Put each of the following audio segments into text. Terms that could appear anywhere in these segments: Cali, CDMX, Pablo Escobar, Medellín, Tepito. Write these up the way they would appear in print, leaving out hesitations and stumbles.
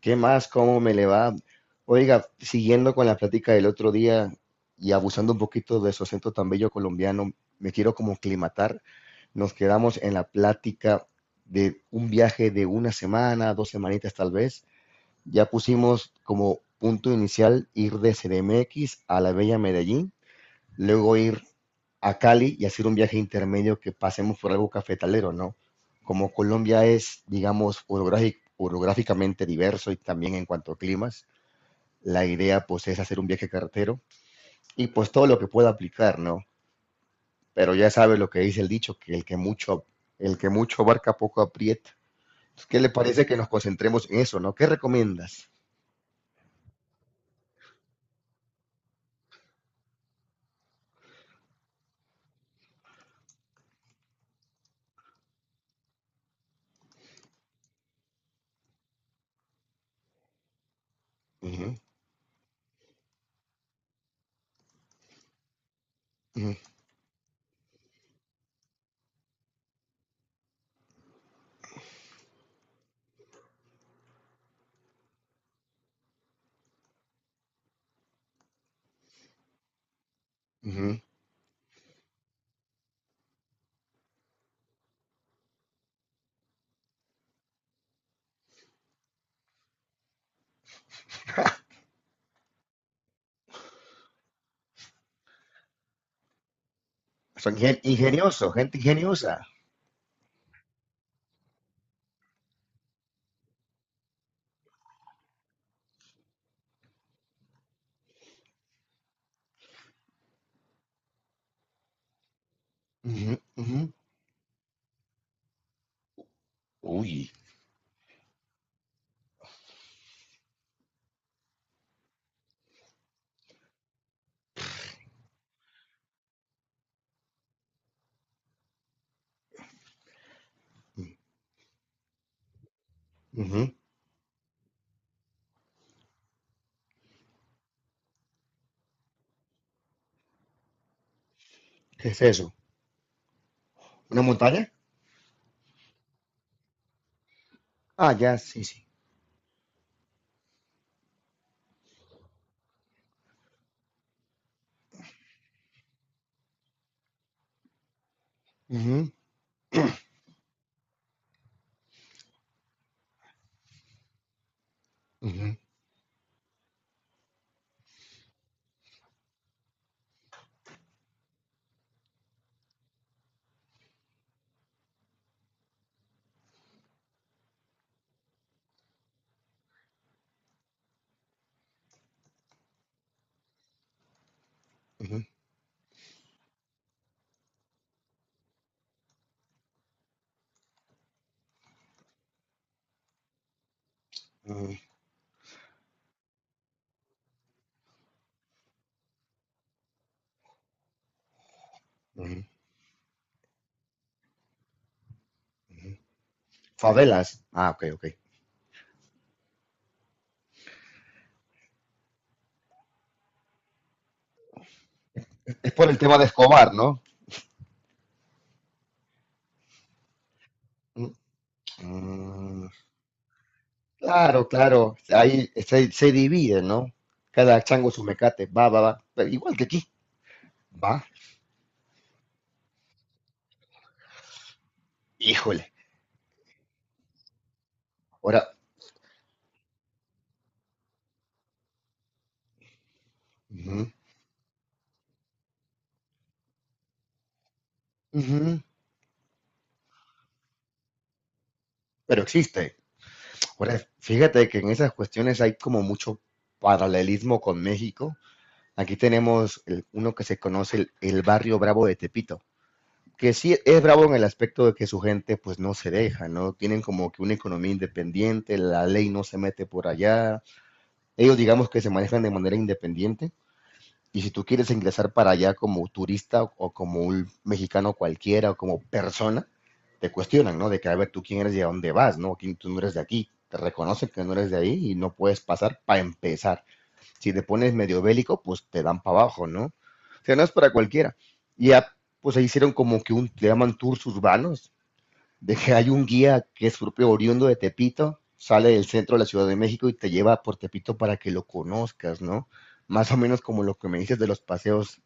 ¿Qué más? ¿Cómo me le va? Oiga, siguiendo con la plática del otro día y abusando un poquito de su acento tan bello colombiano, me quiero como climatar. Nos quedamos en la plática de un viaje de una semana, dos semanitas tal vez. Ya pusimos como punto inicial ir de CDMX a la bella Medellín, luego ir a Cali y hacer un viaje intermedio que pasemos por algo cafetalero, ¿no? Como Colombia es, digamos, orográficamente diverso y también en cuanto a climas, la idea pues es hacer un viaje carretero y pues todo lo que pueda aplicar, ¿no? Pero ya sabes lo que dice el dicho, que el que mucho abarca poco aprieta. Entonces, ¿qué le parece que nos concentremos en eso, no? ¿Qué recomiendas? Ujú, ujú, ujú. Son ingeniosos, gente ingeniosa. Ujú, ujú. Uy. Ujú. ¿Qué es eso? ¿Una montaña? Ah, ya, sí, sí. Ujú, ujú, ujú, ujú. Ujú. Favelas. Ah, ok, ok. Es por el tema de Escobar, ¿no? Mm, mm. Claro, claro. Ahí se divide, ¿no? Cada chango su mecate. Va, va, va. Pero igual que aquí. Va. Híjole. Ahora. Ujú, ujú. Pero existe. Ahora, fíjate que en esas cuestiones hay como mucho paralelismo con México. Aquí tenemos uno que se conoce, el Barrio Bravo de Tepito. Que sí es bravo en el aspecto de que su gente pues no se deja, ¿no? Tienen como que una economía independiente, la ley no se mete por allá, ellos digamos que se manejan de manera independiente. Y si tú quieres ingresar para allá como turista o, como un mexicano cualquiera o como persona, te cuestionan, ¿no? De que a ver tú quién eres y a dónde vas, ¿no? ¿Quién? Tú no eres de aquí, te reconocen que no eres de ahí y no puedes pasar. Para empezar, si te pones medio bélico, pues te dan para abajo, ¿no? O sea, no es para cualquiera. Y ya, pues ahí hicieron como que le llaman tours urbanos, de que hay un guía que es propio oriundo de Tepito, sale del centro de la Ciudad de México y te lleva por Tepito para que lo conozcas, ¿no? Más o menos como lo que me dices de los paseos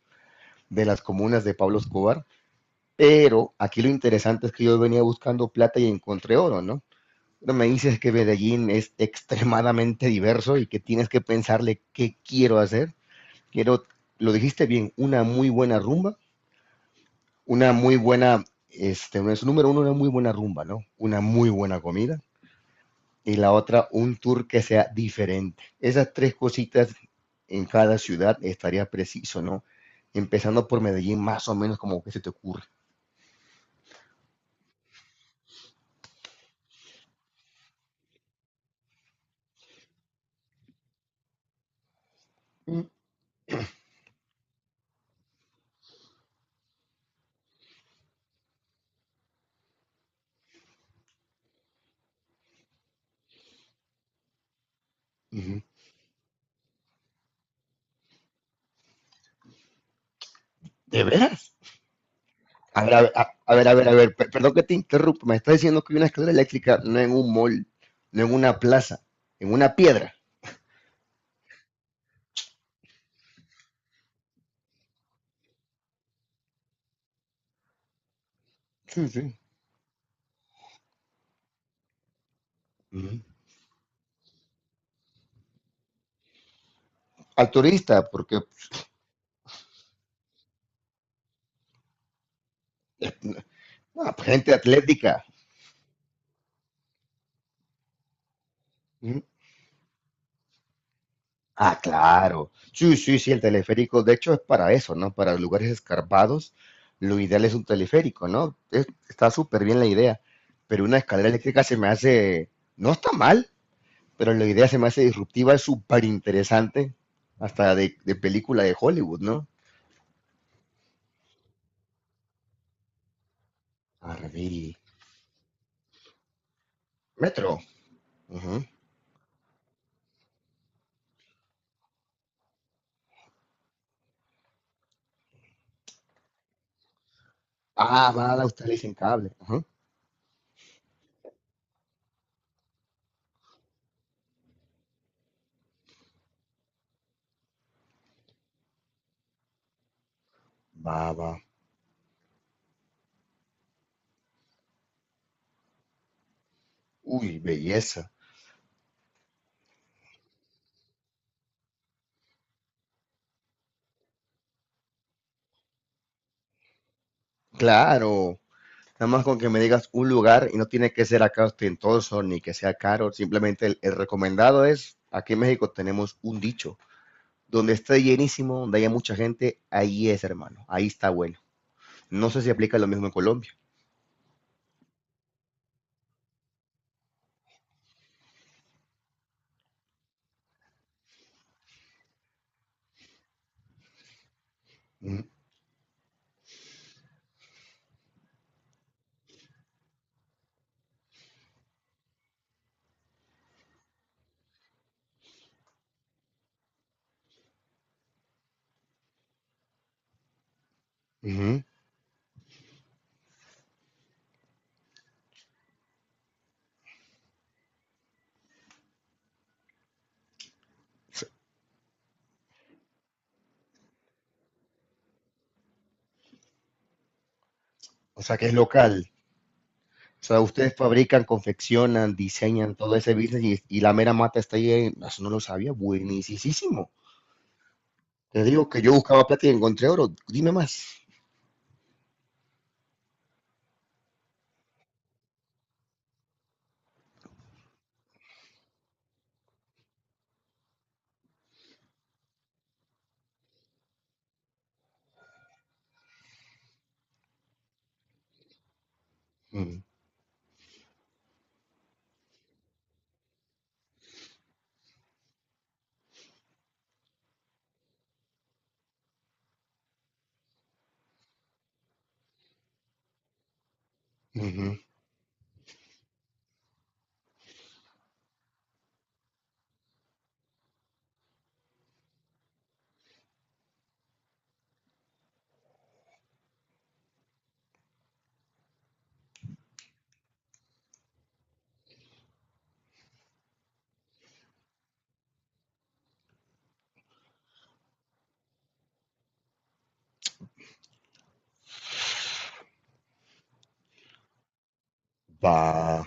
de las comunas de Pablo Escobar. Pero aquí lo interesante es que yo venía buscando plata y encontré oro, ¿no? Pero me dices que Medellín es extremadamente diverso y que tienes que pensarle qué quiero hacer. Quiero, lo dijiste bien, una muy buena rumba, una muy buena, no es número uno, una muy buena rumba, ¿no? Una muy buena comida y la otra un tour que sea diferente. Esas tres cositas en cada ciudad estaría preciso, ¿no? Empezando por Medellín, más o menos como que se te ocurre. Ujú. ¿De veras? A ver, a ver, a ver, a ver, a ver, perdón que te interrumpa, me estás diciendo que hay una escalera eléctrica no en un mall, no en una plaza, en una piedra. Sí, sí. Ujú. Al turista, porque. Ah, gente atlética. Mm. Ah, claro. Sí, sí, sí, el teleférico, de hecho, es para eso, ¿no? Para lugares escarpados, lo ideal es un teleférico, ¿no? Está súper bien la idea, pero una escalera eléctrica se me hace, no está mal, pero la idea se me hace disruptiva, es súper interesante, hasta de, película de Hollywood, ¿no? Arby. Metro. Ujú. Ah, va, a usted le dicen cable. Ujú. Va, va. Uy, belleza. Claro. Nada más con que me digas un lugar y no tiene que ser acá ostentoso ni que sea caro, simplemente el, recomendado es, aquí en México tenemos un dicho, donde esté llenísimo, donde haya mucha gente, ahí es hermano, ahí está bueno. No sé si aplica lo mismo en Colombia. Ujú, ujú. O sea, que es local. O sea, ustedes fabrican, confeccionan, diseñan todo ese business y la mera mata está ahí, eso no lo sabía, buenísimo. Te digo que yo buscaba plata y encontré oro, dime más. Ujú, ujú. Va.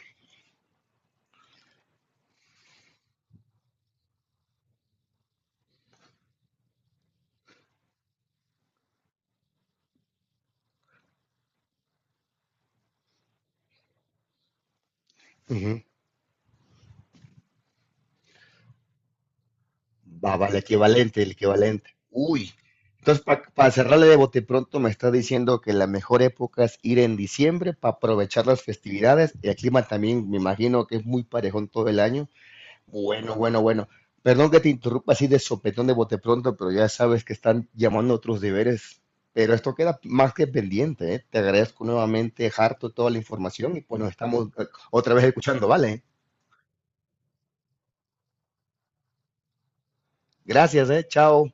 Ujú. Va, vale, equivalente, el equivalente. Uy. Entonces, para cerrarle de bote pronto, me está diciendo que la mejor época es ir en diciembre para aprovechar las festividades y el clima también, me imagino que es muy parejón todo el año. Bueno, bueno, bueno. Perdón que te interrumpa así de sopetón de bote pronto, pero ya sabes que están llamando a otros deberes. Pero esto queda más que pendiente, ¿eh? Te agradezco nuevamente, harto, toda la información y pues nos estamos otra vez escuchando, ¿vale? Gracias, ¿eh? Chao.